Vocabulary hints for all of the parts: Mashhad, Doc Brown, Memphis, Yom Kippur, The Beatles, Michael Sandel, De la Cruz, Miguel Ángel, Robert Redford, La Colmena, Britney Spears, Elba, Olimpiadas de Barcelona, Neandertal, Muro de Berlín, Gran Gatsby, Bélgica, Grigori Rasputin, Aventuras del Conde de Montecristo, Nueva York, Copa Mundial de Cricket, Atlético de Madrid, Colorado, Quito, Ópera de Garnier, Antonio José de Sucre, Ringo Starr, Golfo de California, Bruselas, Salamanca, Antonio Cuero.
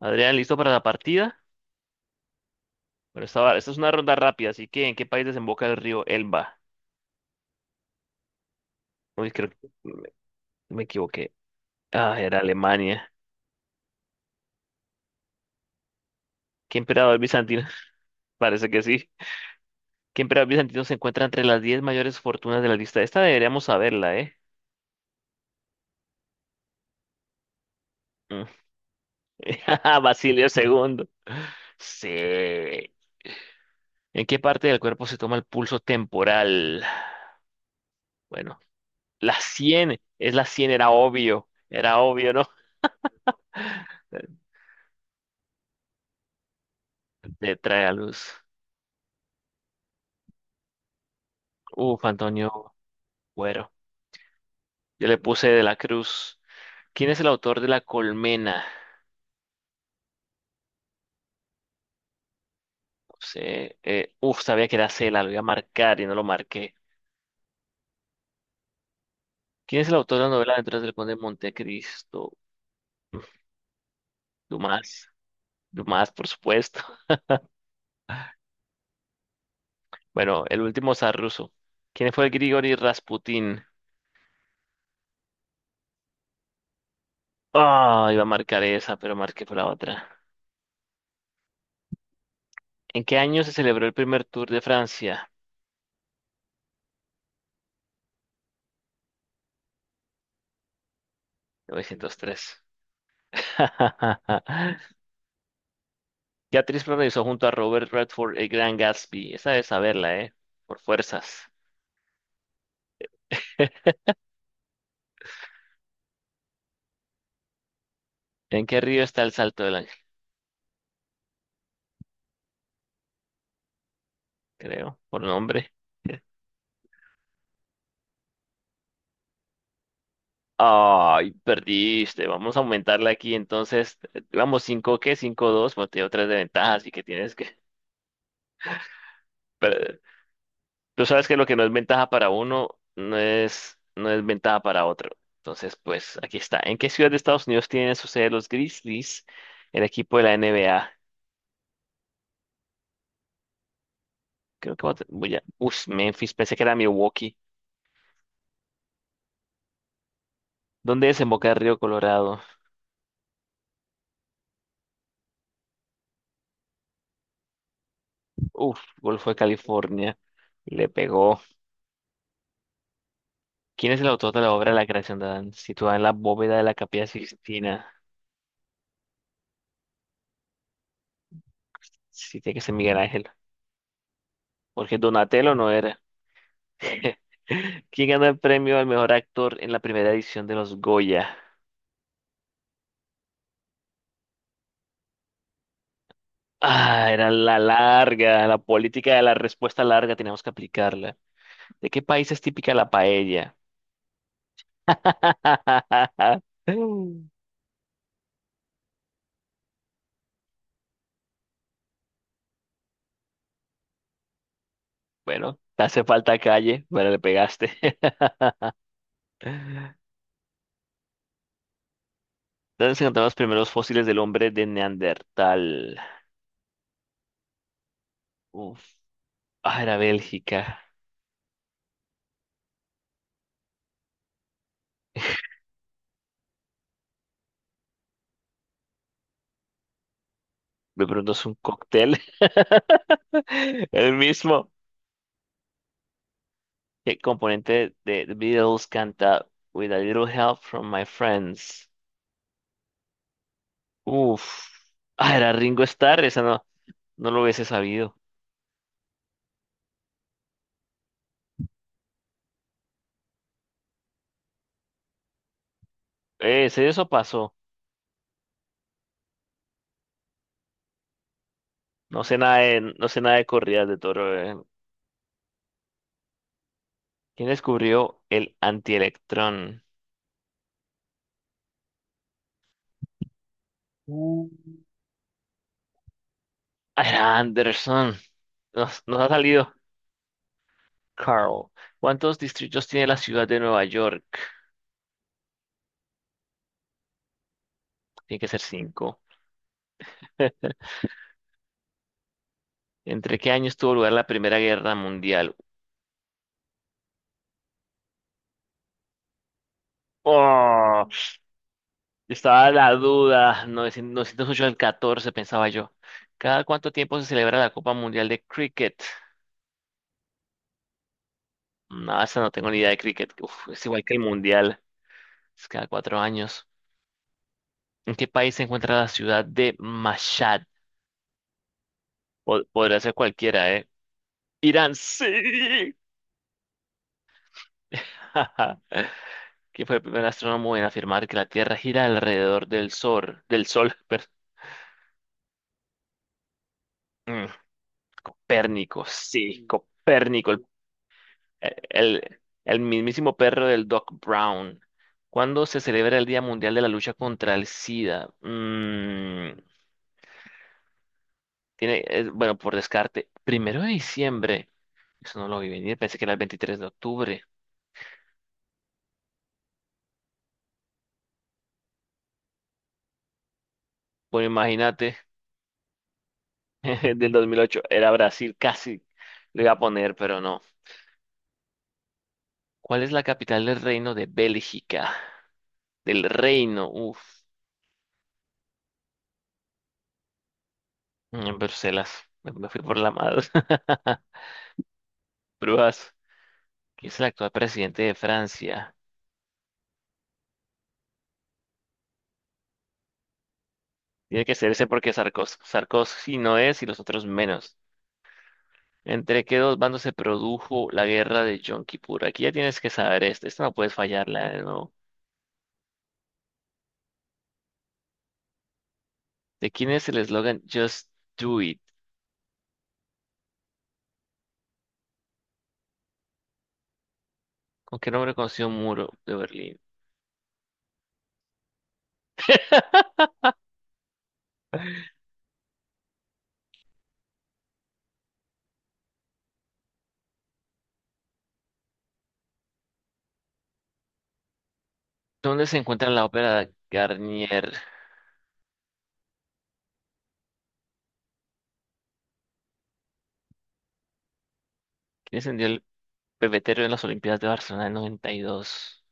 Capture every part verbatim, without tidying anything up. Adrián, ¿listo para la partida? Bueno, esta, va- esta es una ronda rápida, así que ¿en qué país desemboca el río Elba? Uy, creo que me, me equivoqué. Ah, era Alemania. ¿Qué emperador bizantino? Parece que sí. ¿Qué emperador bizantino se encuentra entre las diez mayores fortunas de la lista? Esta deberíamos saberla, ¿eh? Mm. Basilio segundo. Sí. ¿En qué parte del cuerpo se toma el pulso temporal? Bueno, la sien. Es la sien, era obvio. Era obvio, ¿no? Te trae a luz. Uf, Antonio Cuero. Yo le puse De la Cruz. ¿Quién es el autor de La Colmena? No sé. Eh, uf, sabía que era Cela, lo iba a marcar y no lo marqué. ¿Quién es el autor de la novela Aventuras del Conde de Montecristo? Dumas. Dumas, por supuesto. Bueno, el último zar ruso. ¿Quién fue Grigori Rasputin? Ah, iba a marcar esa, pero marqué por la otra. ¿En qué año se celebró el primer Tour de Francia? novecientos tres. ¿Qué actriz protagonizó junto a Robert Redford el Gran Gatsby? Esa debe saberla, ¿eh? Por fuerzas. ¿En qué río está el Salto del Ángel? Creo, por nombre. Ay, perdiste. Vamos a aumentarla aquí. Entonces, eh, vamos, cinco ¿qué? Cinco dos. Bueno, tengo tres de ventaja, así que tienes que. Pero, tú sabes que lo que no es ventaja para uno, no es, no es ventaja para otro. Entonces, pues aquí está. ¿En qué ciudad de Estados Unidos tienen su sede los Grizzlies, el equipo de la N B A? Creo que voy a. te- voy a- Uf, Memphis, pensé que era Milwaukee. ¿Dónde desemboca el río Colorado? Uf, Golfo de California. Le pegó. ¿Quién es el autor de la obra La creación de Adán, situada en la bóveda de la Capilla Sixtina? Sí, tiene que ser Miguel Ángel, porque Donatello no era. ¿Quién ganó el premio al mejor actor en la primera edición de los Goya? Ah, era la larga, la política de la respuesta larga, teníamos que aplicarla. ¿De qué país es típica la paella? Bueno, te hace falta calle, pero le pegaste. ¿Dónde se encontraron los primeros fósiles del hombre de Neandertal? Uf. Ah, era Bélgica. Me pregunto, ¿es un cóctel? El mismo. ¿Qué componente de The Beatles canta With a Little Help from My Friends? Uf. Ah, era Ringo Starr. Esa no, no lo hubiese sabido. Eh, ¿sí eso pasó? No sé nada de, no sé nada de corridas de toro. eh. ¿Quién descubrió el antielectrón? Uh. Ah, era Anderson. Nos, nos ha salido Carl. ¿Cuántos distritos tiene la ciudad de Nueva York? Tiene que ser cinco. ¿Entre qué años tuvo lugar la Primera Guerra Mundial? Oh, estaba la duda. novecientos ocho al catorce, pensaba yo. ¿Cada cuánto tiempo se celebra la Copa Mundial de Cricket? No, esa no tengo ni idea de cricket. Uf, es igual que el Mundial. Es cada cuatro años. ¿En qué país se encuentra la ciudad de Mashhad? Po- podría ser cualquiera, ¿eh? Irán, sí. ¿Quién fue el primer astrónomo en afirmar que la Tierra gira alrededor del Sol? Del Sol, perdón. Copérnico, sí, Copérnico, el, el, el mismísimo perro del Doc Brown. ¿Cuándo se celebra el Día Mundial de la Lucha contra el SIDA? Mm, tiene, eh, bueno, por descarte, primero de diciembre. Eso no lo vi venir, pensé que era el veintitrés de octubre. Bueno, imagínate, del dos mil ocho era Brasil, casi le iba a poner, pero no. ¿Cuál es la capital del reino de Bélgica? Del reino, uff. En Bruselas, me me fui por la madre. Brujas, que es el actual presidente de Francia. Tiene que ser ese porque Sarkozy, Sarkozy no es y los otros menos. ¿Entre qué dos bandos se produjo la guerra de Yom Kippur? Aquí ya tienes que saber esto. Esta no puedes fallarla de nuevo. ¿De quién es el eslogan Just Do It? ¿Con qué nombre conoció un muro de Berlín? ¿Dónde se encuentra la ópera de Garnier? ¿Quién encendió el pebetero en las Olimpiadas de Barcelona en noventa y dos?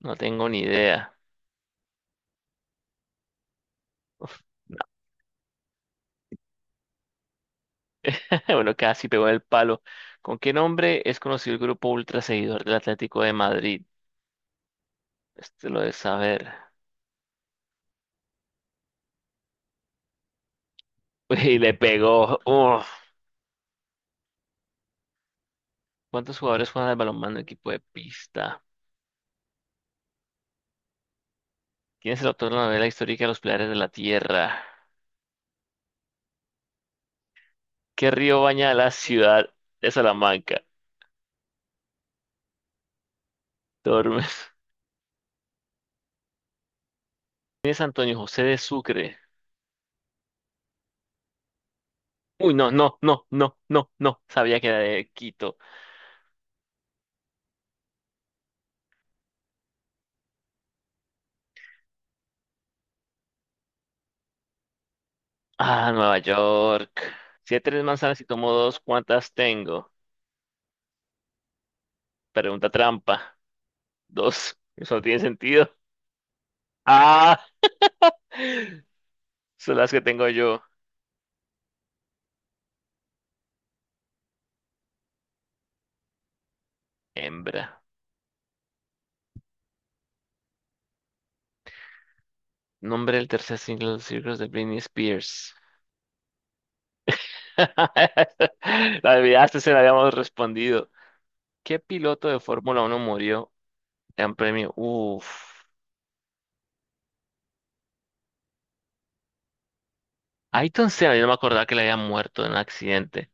No tengo ni idea. Uf. Eh, Bueno, casi pegó en el palo. ¿Con qué nombre es conocido el grupo ultra seguidor del Atlético de Madrid? Este lo de saber. Y le pegó. Uf. ¿Cuántos jugadores juegan al balonmano en equipo de pista? ¿Quién es el autor de la novela histórica Los Pilares de la Tierra? ¿Qué río baña la ciudad de Salamanca? Tormes. ¿Quién es Antonio José de Sucre? Uy, no, no, no, no, no, no. Sabía que era de Quito. Ah, Nueva York. Si hay tres manzanas y tomo dos, ¿cuántas tengo? Pregunta trampa. Dos. Eso no tiene sentido. Ah, son las que tengo yo. Hembra. Nombre del tercer single de los Circus de Britney Spears. La olvidaste, se la habíamos respondido. ¿Qué piloto de Fórmula Uno murió en premio? Uf. Ayrton Senna, yo no me acordaba que le había muerto en un accidente.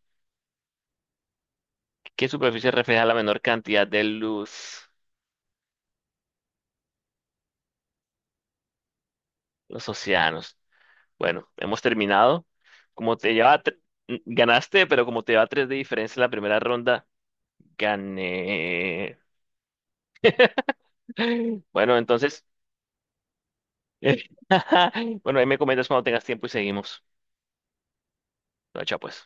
¿Qué superficie refleja la menor cantidad de luz? Los océanos. Bueno, hemos terminado. Como te lleva, tre- ganaste, pero como te lleva tres de diferencia en la primera ronda. Gané. Bueno, entonces, bueno, ahí me comentas cuando tengas tiempo y seguimos. Chao, pues.